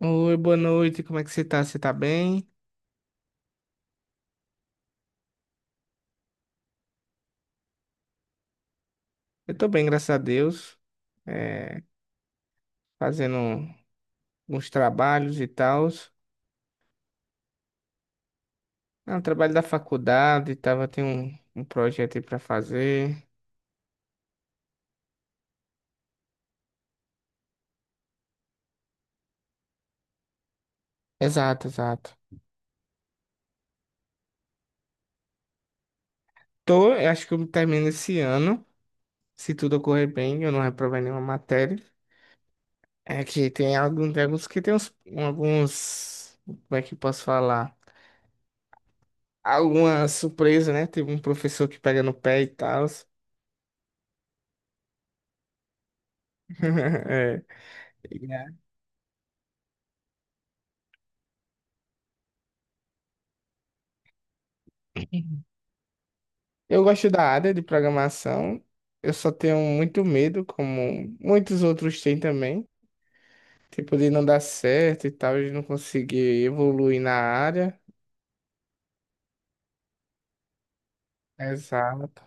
Oi, boa noite, como é que você tá? Você tá bem? Eu tô bem, graças a Deus. É, fazendo uns trabalhos e tals. Ah, um trabalho da faculdade, tava, tem um projeto aí pra fazer. Exato, exato. Tô, eu acho que eu termino esse ano, se tudo ocorrer bem, eu não reprovei nenhuma matéria. É que tem alguns, que tem uns, alguns, como é que eu posso falar? Alguma surpresa, né? Teve um professor que pega no pé e tal. É. Eu gosto da área de programação, eu só tenho muito medo, como muitos outros têm também, tipo de não dar certo e tal, de não conseguir evoluir na área. Exato,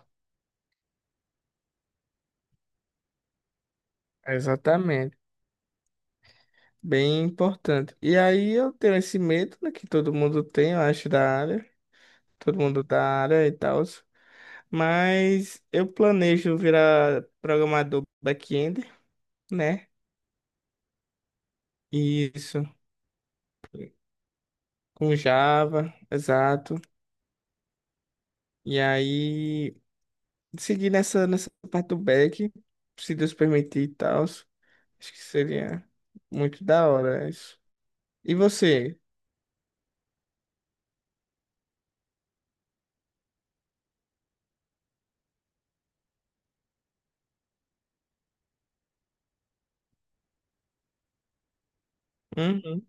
exatamente. Bem importante. E aí eu tenho esse medo, né, que todo mundo tem, eu acho, da área, todo mundo da área e tal, mas eu planejo virar programador back-end, né? Isso, com Java, exato. E aí, seguir nessa, parte do back, se Deus permitir e tal. Acho que seria muito da hora isso. E você? Uhum.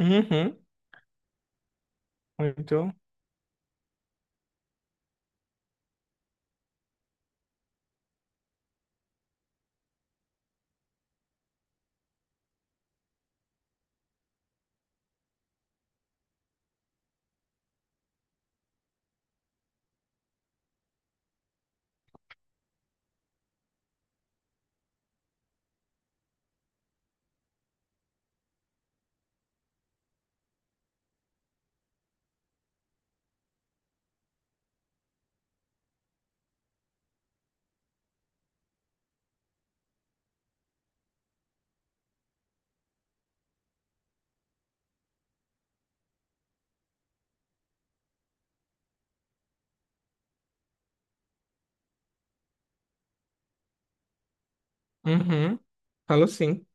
Uhum. Muito. Uhum. Falou sim.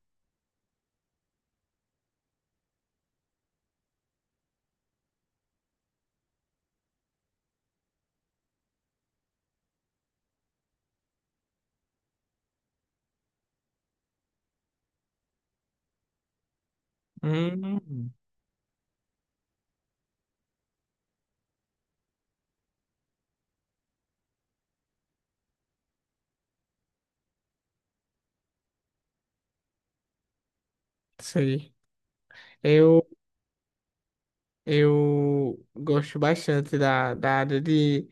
Uhum. Sei. Eu, eu gosto bastante da, área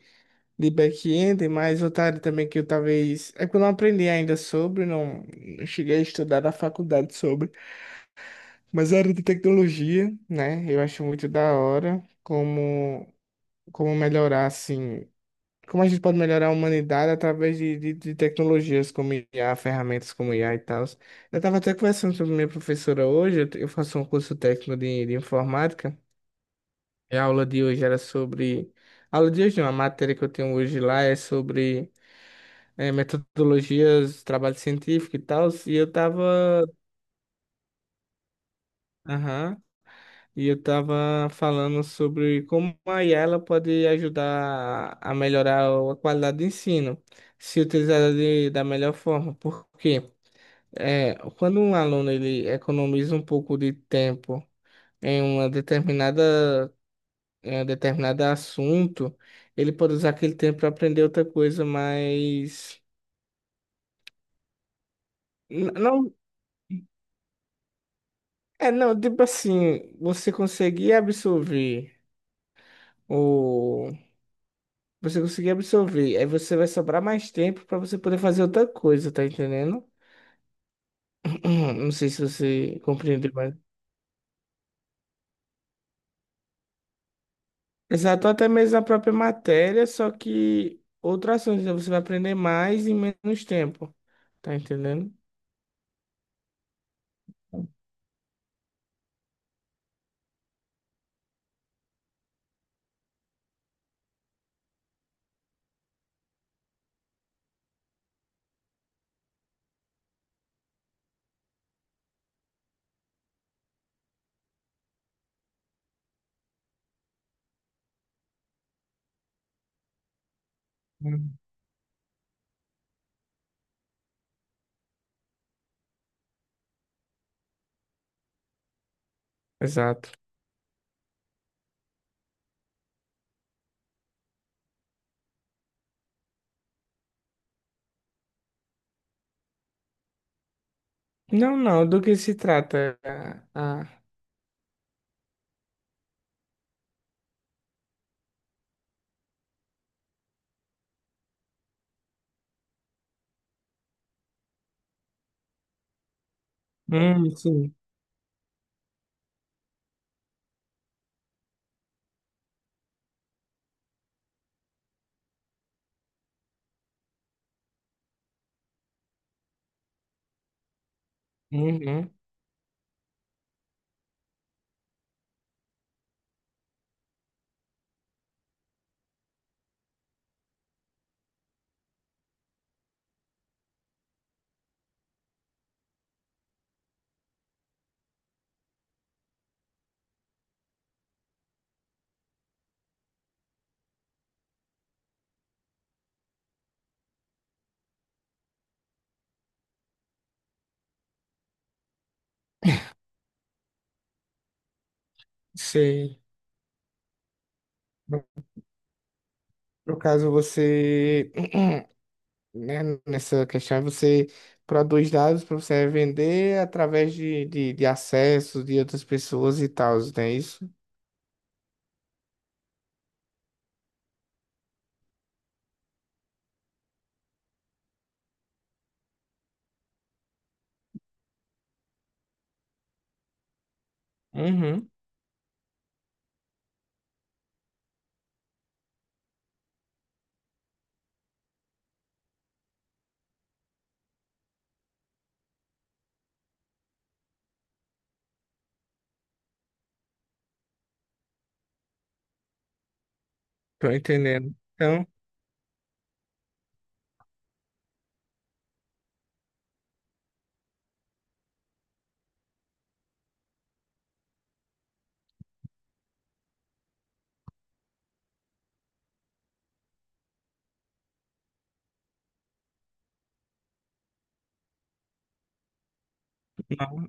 de back-end, mas outra área também que eu talvez. É que eu não aprendi ainda sobre, não cheguei a estudar na faculdade sobre. Mas a área de tecnologia, né? Eu acho muito da hora como, como melhorar, assim, como a gente pode melhorar a humanidade através de tecnologias como IA, ferramentas como IA e tal. Eu estava até conversando sobre minha professora hoje, eu faço um curso técnico de, informática, e a aula de hoje era sobre. A aula de hoje, não, a matéria que eu tenho hoje lá é sobre metodologias, trabalho científico e tal, e eu estava. E eu tava falando sobre como a IA ela pode ajudar a melhorar a qualidade do ensino, se utilizada de, da melhor forma. Porque é, quando um aluno ele economiza um pouco de tempo em uma determinada, em um determinado assunto, ele pode usar aquele tempo para aprender outra coisa, mas n- não, não, tipo assim, você conseguir absorver o. Você conseguir absorver. Aí você vai sobrar mais tempo para você poder fazer outra coisa, tá entendendo? Não sei se você compreendeu, mas. Exato, até mesmo a própria matéria, só que outro assunto, então você vai aprender mais em menos tempo, tá entendendo? Hum. Exato. Não, não, do que se trata? A... a-. Sim. Uhum, sei. No no caso, você né, nessa questão é você produz dados para você vender através de acessos de outras pessoas e tal, não é isso? Uhum, tô entendendo. Então,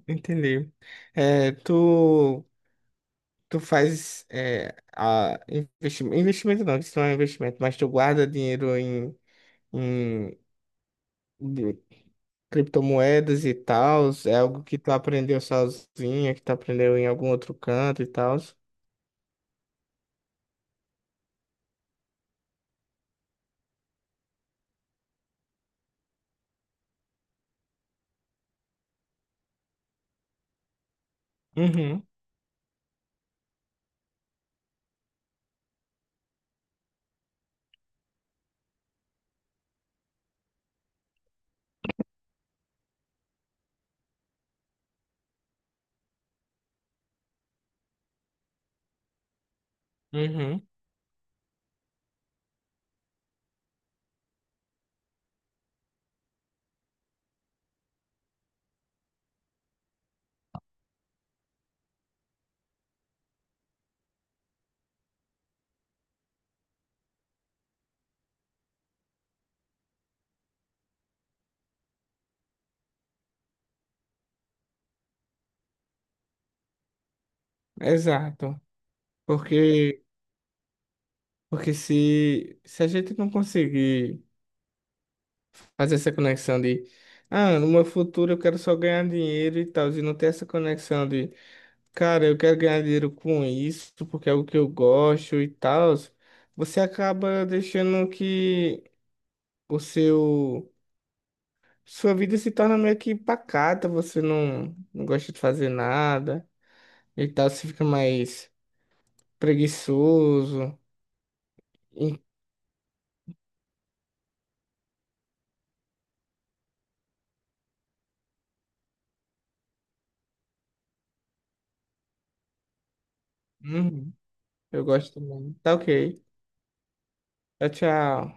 entendi. É, tu, tu faz é, a investimento, investimento não, isso não é um investimento, mas tu guarda dinheiro em, em de- criptomoedas e tal, é algo que tu aprendeu sozinha, que tu aprendeu em algum outro canto e tal. Uhum, uhum, exato. Porque, porque se a gente não conseguir fazer essa conexão de, ah, no meu futuro eu quero só ganhar dinheiro e tal, e não ter essa conexão de, cara, eu quero ganhar dinheiro com isso, porque é o que eu gosto e tal, você acaba deixando que o seu, sua vida se torna meio que pacata, você não, não gosta de fazer nada e tal, você fica mais preguiçoso. E-. Uhum, eu gosto também. Tá ok. Tchau, tchau.